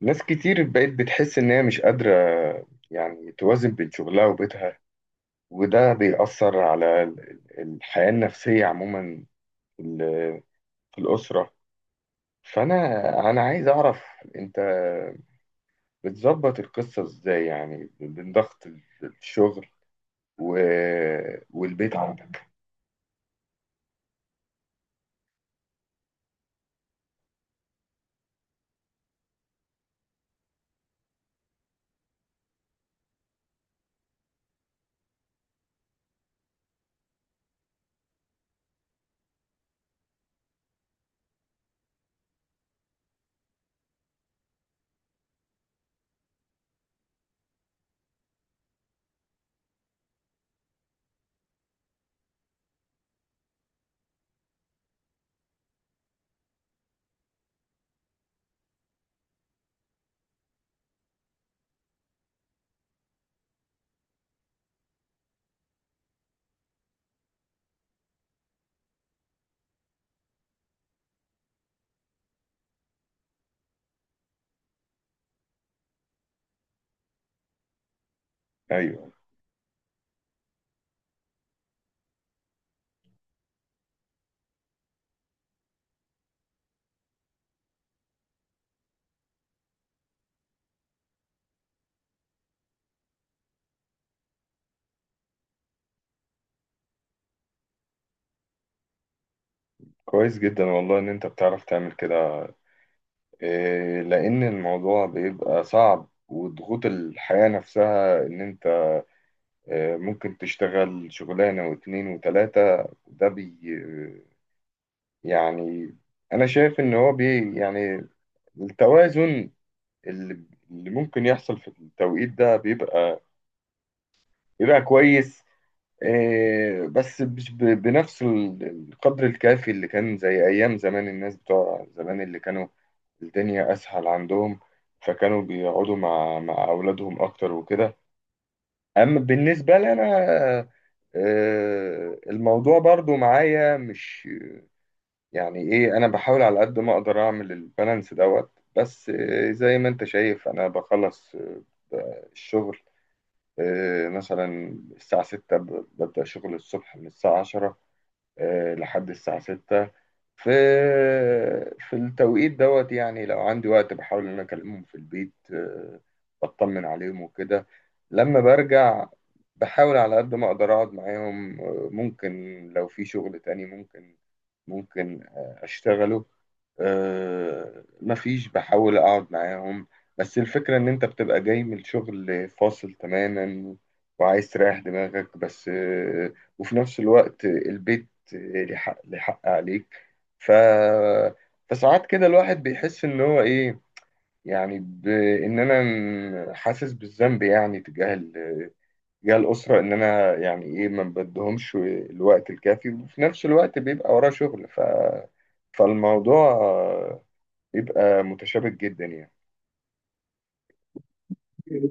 ناس كتير بقت بتحس إن هي مش قادرة يعني توازن بين شغلها وبيتها. وده بيأثر على الحياة النفسية عموما في ال- في الأسرة. فأنا عايز أعرف أنت بتظبط القصة إزاي، يعني بين ضغط الشغل و... والبيت عندك؟ أيوه، كويس جدا والله إن أنت بتعرف تعمل كده. لأن الموضوع بيبقى صعب وضغوط الحياة نفسها، إن أنت ممكن تشتغل شغلانة واتنين وتلاتة، ده بي آه، يعني، أنا شايف إن هو يعني التوازن اللي اللي ممكن يحصل في التوقيت ده بيبقى كويس. بس مش بنفس القدر الكافي اللي كان زي أيام زمان، الناس بتوع زمان اللي كانوا الدنيا أسهل عندهم، فكانوا بيقعدوا مع أولادهم أكتر وكده. اما بالنسبه لي انا، الموضوع برضو معايا مش يعني ايه، انا بحاول على قد ما اقدر اعمل البالانس دوت، بس زي ما انت شايف انا بخلص الشغل. مثلا الساعه 6، ببدا شغل الصبح من الساعه 10 لحد الساعه 6. في في التوقيت دوت يعني، لو عندي وقت بحاول ان انا اكلمهم في البيت، بطمن عليهم وكده. لما برجع بحاول على قد ما اقدر اقعد معاهم. ممكن لو في شغل تاني ممكن، اشتغله. مفيش، بحاول اقعد معاهم. بس الفكرة ان انت بتبقى جاي من شغل فاصل تماما وعايز تريح دماغك بس، وفي نفس الوقت البيت ليه حق عليك. ف فساعات كده الواحد بيحس ان هو ايه، يعني ان انا حاسس بالذنب يعني تجاه تجاه الأسرة. إن أنا يعني إيه، ما بديهمش الوقت الكافي، وفي نفس الوقت بيبقى وراه شغل فالموضوع بيبقى متشابك جدا يعني. ايوه،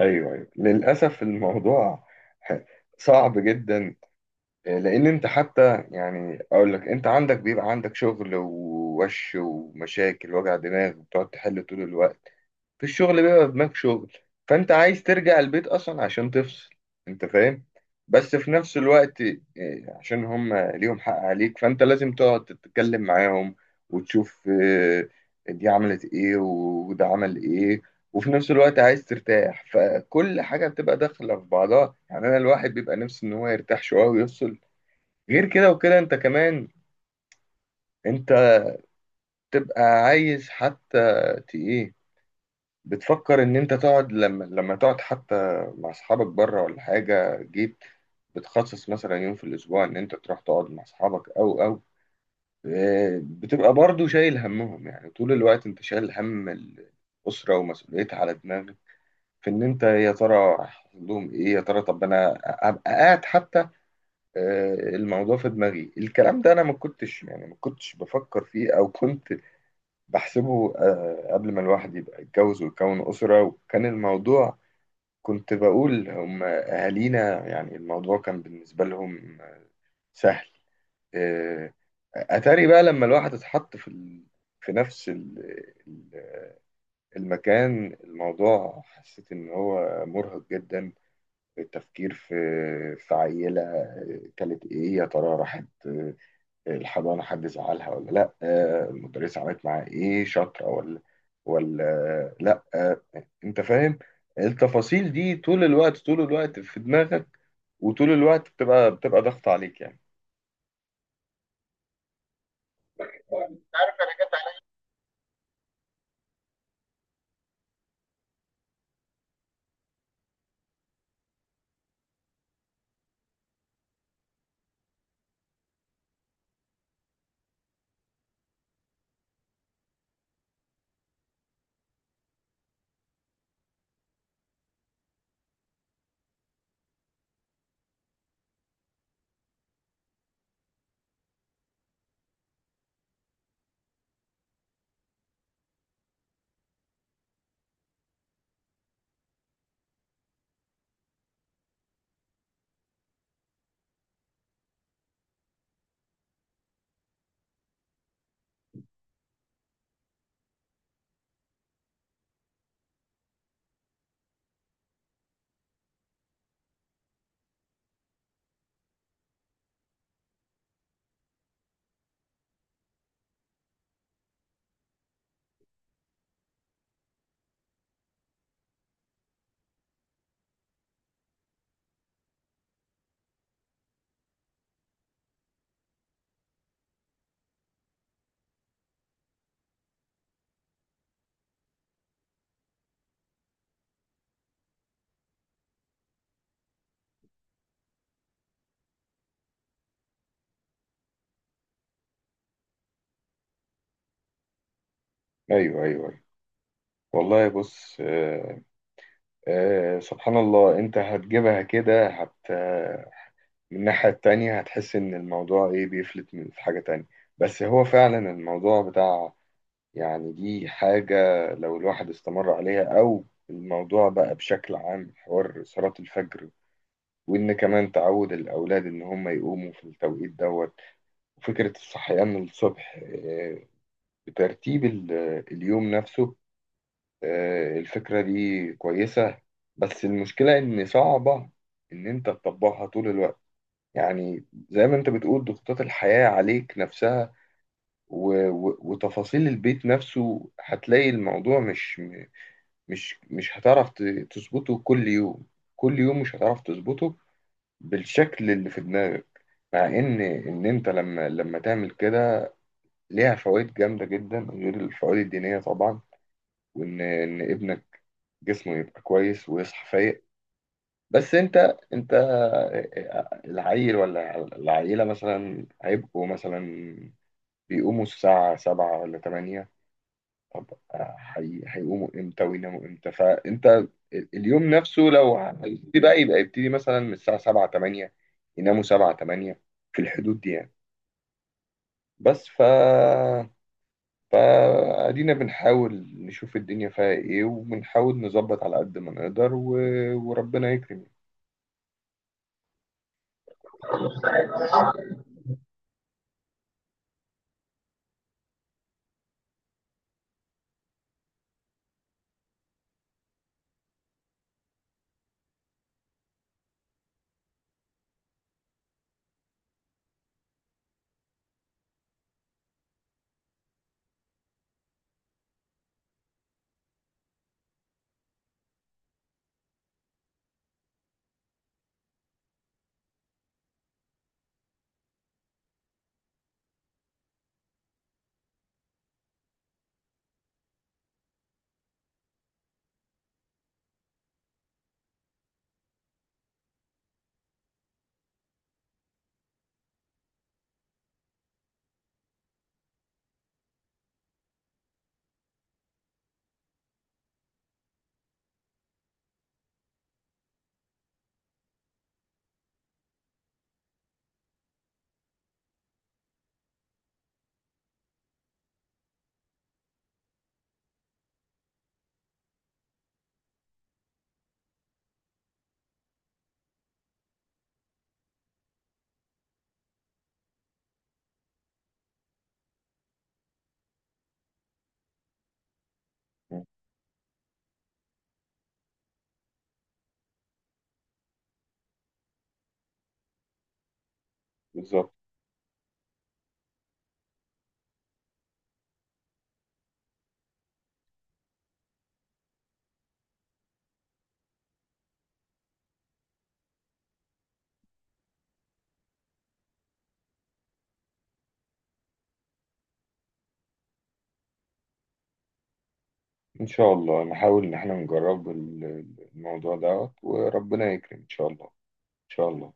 ايوه، للاسف الموضوع صعب جدا. لان انت حتى يعني اقول لك، انت عندك بيبقى عندك شغل ووش ومشاكل وجع دماغ بتقعد تحل طول الوقت. في الشغل بيبقى دماغ شغل، فانت عايز ترجع البيت اصلا عشان تفصل، انت فاهم. بس في نفس الوقت عشان هم ليهم حق عليك، فانت لازم تقعد تتكلم معاهم وتشوف دي عملت ايه وده عمل ايه. وفي نفس الوقت عايز ترتاح، فكل حاجة بتبقى داخلة في بعضها يعني، انا الواحد بيبقى نفسه ان هو يرتاح شوية ويفصل. غير كده وكده انت كمان انت تبقى عايز حتى، ايه، بتفكر ان انت تقعد لما تقعد حتى مع اصحابك بره ولا حاجه. جيت بتخصص مثلا يوم في الاسبوع ان انت تروح تقعد مع اصحابك او، بتبقى برضو شايل همهم يعني، طول الوقت انت شايل هم الاسره ومسؤوليتها على دماغك، في ان انت يا ترى هيحصل لهم ايه، يا ترى طب انا ابقى قاعد حتى. الموضوع في دماغي، الكلام ده انا ما كنتش يعني ما كنتش بفكر فيه، او كنت بحسبه قبل ما الواحد يبقى يتجوز ويكون اسره. وكان الموضوع كنت بقول هم أهالينا، يعني الموضوع كان بالنسبة لهم سهل. آه، أتاري بقى لما الواحد اتحط في في نفس ال- المكان، الموضوع حسيت إن هو مرهق جدا، التفكير في عيلة كانت إيه، يا ترى راحت الحضانة حد زعلها ولا لا، المدرسة عملت معاها ايه، شاطرة ولا لا، انت فاهم. التفاصيل دي طول الوقت، طول الوقت في دماغك، وطول الوقت بتبقى ضغط عليك يعني. ايوه، ايوه، أيوة. والله بص، سبحان الله، انت هتجيبها كده من الناحية التانية هتحس ان الموضوع ايه، بيفلت من في حاجة تانية. بس هو فعلا الموضوع بتاع، يعني دي حاجة لو الواحد استمر عليها أو الموضوع بقى بشكل عام، حوار صلاة الفجر، وإن كمان تعود الأولاد إن هم يقوموا في التوقيت دوت، وفكرة الصحيان الصبح بترتيب اليوم نفسه. الفكرة دي كويسة، بس المشكلة إن صعبة إن أنت تطبقها طول الوقت. يعني زي ما أنت بتقول، ضغوطات الحياة عليك نفسها وتفاصيل البيت نفسه، هتلاقي الموضوع مش هتعرف تظبطه كل يوم. كل يوم مش هتعرف تظبطه بالشكل اللي في دماغك. مع ان انت لما تعمل كده ليها فوائد جامده جدا غير الفوائد الدينيه طبعا، وان ابنك جسمه يبقى كويس ويصحى فايق. بس انت العيل ولا العيله مثلا هيبقوا مثلا بيقوموا الساعه 7 ولا 8. طب هيقوموا امتى ويناموا امتى؟ فانت اليوم نفسه لو هيبتدي يبقى يبتدي مثلا من الساعة 7 8، يناموا 7 8، في الحدود دي يعني. بس فادينا بنحاول نشوف الدنيا فيها ايه، وبنحاول نظبط على قد ما نقدر وربنا يكرم. يعني. بالظبط، ان شاء الله نحاول ان احنا نجرب الموضوع ده، وربنا يكرم ان شاء الله، ان شاء الله.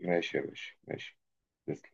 ماشي يا باشا، ماشي. تسلم.